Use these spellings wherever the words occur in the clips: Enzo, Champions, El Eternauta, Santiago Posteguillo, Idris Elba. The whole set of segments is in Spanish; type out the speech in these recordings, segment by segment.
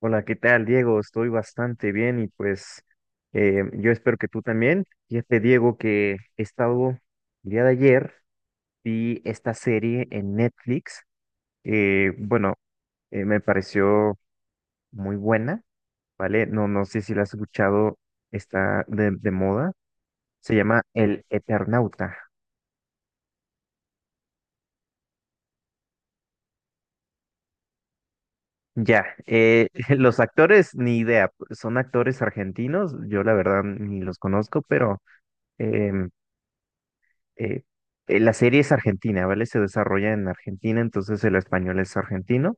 Hola, ¿qué tal, Diego? Estoy bastante bien y pues yo espero que tú también. Fíjate, Diego, que he estado, el día de ayer vi esta serie en Netflix. eh, bueno, me pareció muy buena, ¿vale? No sé si la has escuchado, está de moda. Se llama El Eternauta. Ya, los actores, ni idea, son actores argentinos, yo la verdad ni los conozco, pero... em, eh, la serie es argentina, ¿vale? Se desarrolla en Argentina, entonces el español es argentino,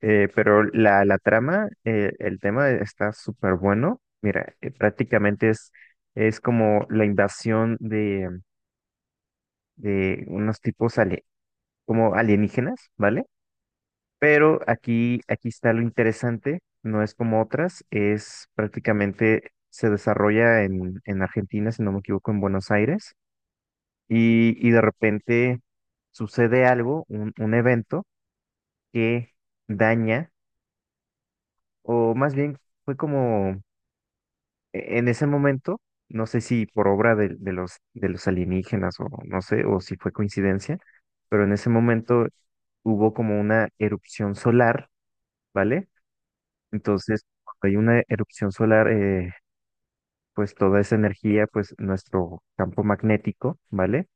pero la trama, el tema está súper bueno. Mira, prácticamente es como la invasión de unos tipos como alienígenas, ¿vale? Pero aquí está lo interesante, no es como otras, es prácticamente se desarrolla en Argentina, si no me equivoco, en Buenos Aires. Y de repente sucede algo, un evento que daña, o más bien fue como en ese momento, no sé si por obra de los, de los alienígenas o no sé, o si fue coincidencia, pero en ese momento hubo como una erupción solar, ¿vale? Entonces, cuando hay una erupción solar, pues toda esa energía, pues nuestro campo magnético, ¿vale?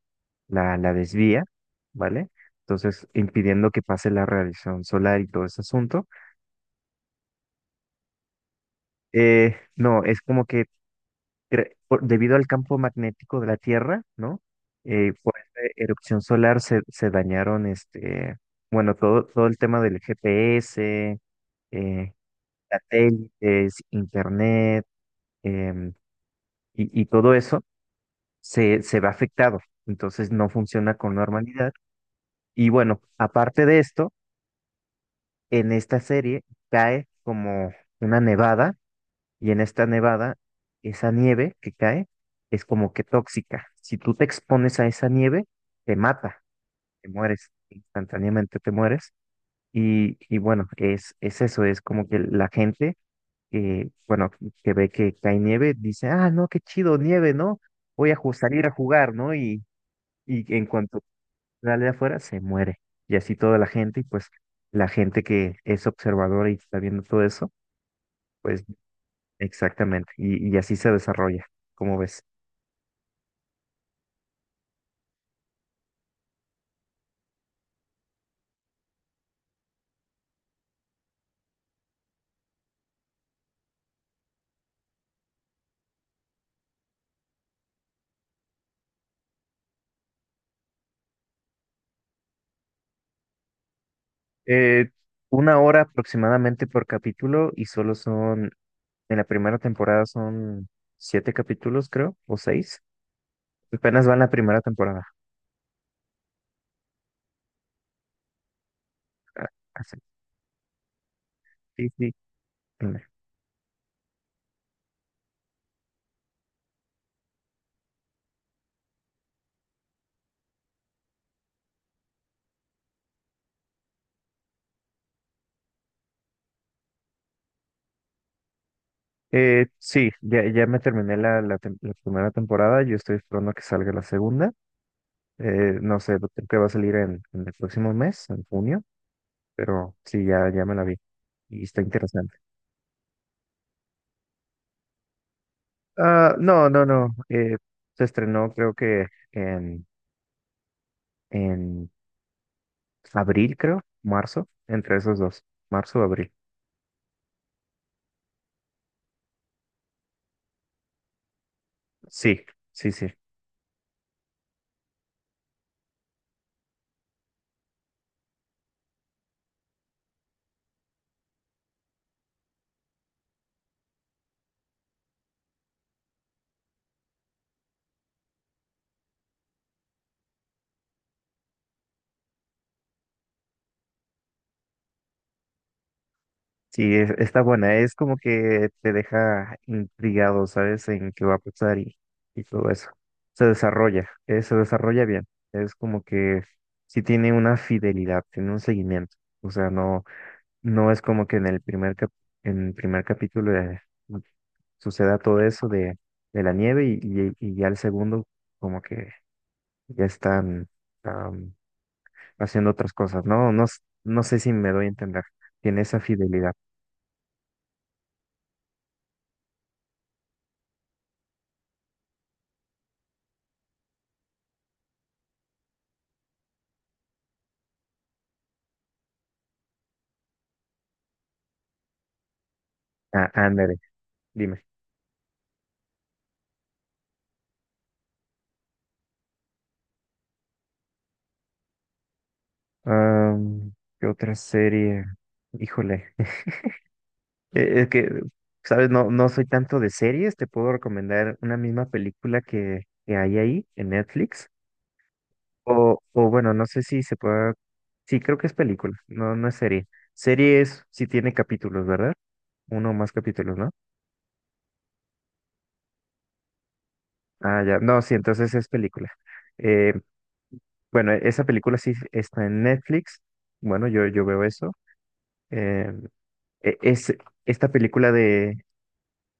la desvía, ¿vale? Entonces, impidiendo que pase la radiación solar y todo ese asunto. No, es como que debido al campo magnético de la Tierra, ¿no? Por esta erupción solar se dañaron, este, bueno, todo, todo el tema del GPS, eh, satélites, internet, em, y todo eso se ve afectado. Entonces, no funciona con normalidad. Y bueno, aparte de esto, en esta serie cae como una nevada y en esta nevada esa nieve que cae es como que tóxica. Si tú te expones a esa nieve, te mata, te mueres, instantáneamente te mueres. Y bueno, es eso, es como que la gente que, bueno, que ve que cae nieve, dice, ah, no, qué chido, nieve, ¿no? Voy a salir a jugar, ¿no? Y en cuanto sale afuera, se muere. Y así toda la gente, y pues la gente que es observadora y está viendo todo eso, pues exactamente. Y así se desarrolla, como ves. Eh, una hora aproximadamente por capítulo y solo son, en la primera temporada son siete capítulos, creo, o seis. Apenas va en la primera temporada. Ah, así. Sí, sí. Dime. Sí, ya me terminé la, la primera temporada, yo estoy esperando a que salga la segunda. No sé, creo que va a salir en el próximo mes, en junio, pero sí, ya me la vi y está interesante. Ah, no, no, no. Se estrenó creo que en abril, creo, marzo, entre esos dos, marzo o abril. Sí, sí, sí. Sí, está buena. Es como que te deja intrigado, ¿sabes? En qué va a pasar y todo eso. Se desarrolla bien. Es como que sí tiene una fidelidad, tiene un seguimiento. O sea, no. No es como que en el primer en el primer capítulo suceda todo eso de la nieve y, y ya el segundo como que ya están am, haciendo otras cosas, ¿no? No sé si me doy a entender. Tiene esa fidelidad. Ah, ándale, dime. Am, ¿Qué otra serie? Híjole. Es que, ¿sabes? No soy tanto de series. Te puedo recomendar una misma película que hay ahí en Netflix. O bueno, no sé si se pueda. Sí, creo que es película, no es serie. Serie es si tiene capítulos, ¿verdad? Uno o más capítulos, ¿no? Ah, ya. No, sí, entonces es película. Eh, bueno, esa película sí está en Netflix. Bueno, yo veo eso. Eh, es esta película de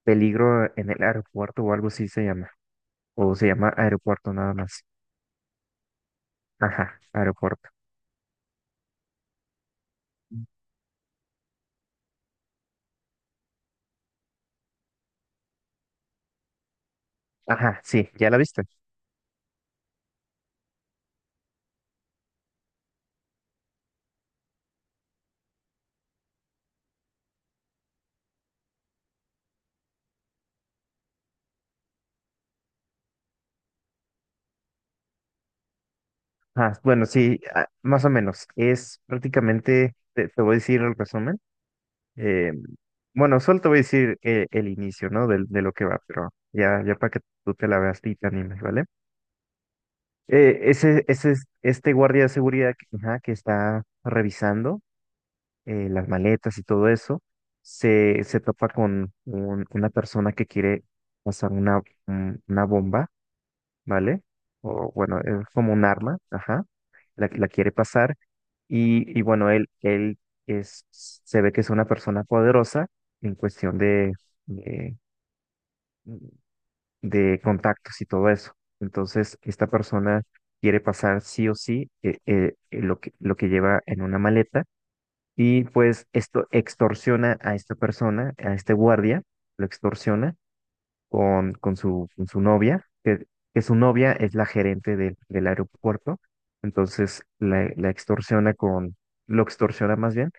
Peligro en el aeropuerto o algo así se llama. O se llama Aeropuerto nada más. Ajá, aeropuerto. Ajá, sí, ¿ya la viste? Ah, bueno, sí, ah, más o menos. Es prácticamente, te voy a decir el resumen. Eh, bueno, solo te voy a decir el inicio, ¿no? De lo que va, pero ya para que tú te la veas y te animes, ¿vale? Ese, ese es este guardia de seguridad que, ajá, que está revisando las maletas y todo eso, se topa con una persona que quiere pasar una, una bomba ¿vale? O bueno, es como un arma, ajá, la quiere pasar y bueno, él es, se ve que es una persona poderosa en cuestión de, de contactos y todo eso. Entonces, esta persona quiere pasar sí o sí lo que lleva en una maleta y pues esto extorsiona a esta persona, a este guardia, lo extorsiona con su novia, que su novia es la gerente del, del aeropuerto, entonces la extorsiona con, lo extorsiona más bien,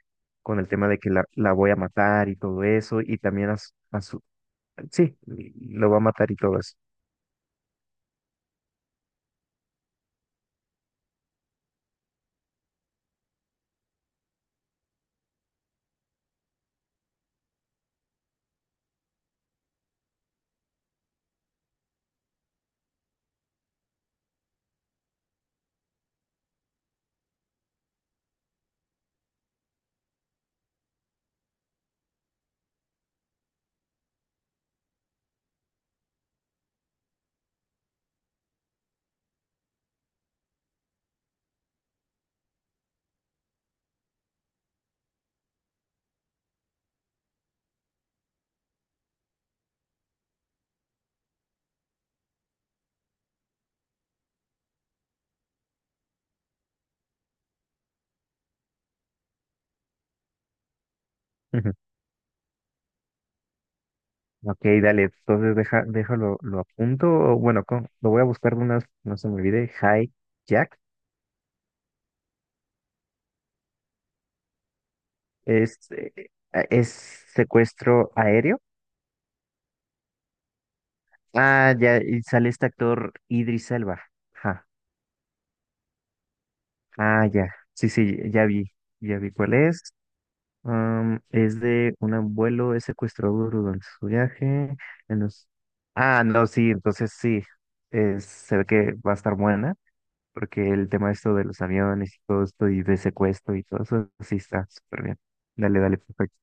con el tema de que la voy a matar y todo eso, y también a, su, a sí, lo va a matar y todo eso. Ujú. Ok, dale, entonces deja, déjalo, lo apunto, o bueno, lo voy a buscar de una, vez, no se me olvide, Jack, es, eh, es secuestro aéreo. Ah, ya, y sale este actor Idris Elba. Ajá. Ah, ya. Sí, sí, ya vi. Ya vi cuál es. Es de un abuelo es secuestrado durante su viaje. En los... Ah, no, sí, entonces sí. Es, se ve que va a estar buena, porque el tema esto de los aviones y todo esto y de secuestro y todo eso, sí está súper bien. Dale, dale, perfecto.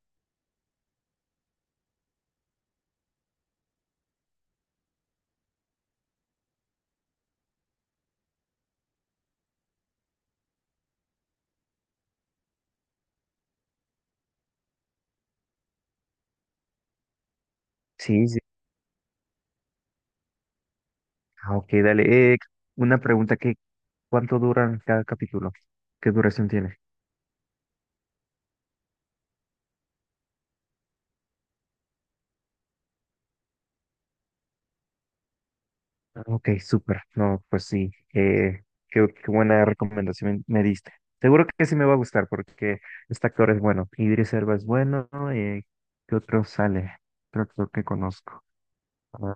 Sí, sí. Ah, ok, dale. Una pregunta que, ¿cuánto duran cada capítulo? ¿Qué duración tiene? Ah, ok, súper. No, pues sí, qué, qué buena recomendación me diste. Seguro que sí me va a gustar porque este actor es bueno. Idris Elba es bueno. ¿Qué otro sale? Creo que conozco. Ah,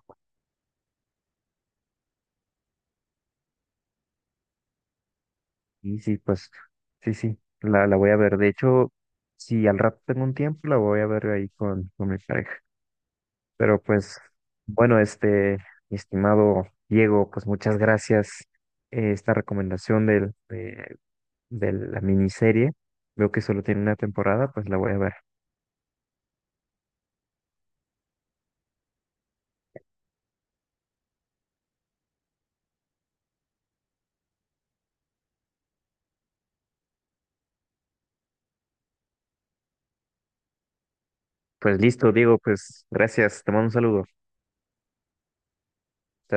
y sí, pues sí, sí, la voy a ver. De hecho, si al rato tengo un tiempo, la voy a ver ahí con mi pareja. Pero pues, bueno, este, mi estimado Diego, pues muchas gracias. Esta recomendación del, de la miniserie. Veo que solo tiene una temporada, pues la voy a ver. Pues listo, Diego, pues gracias, te mando un saludo. Chao,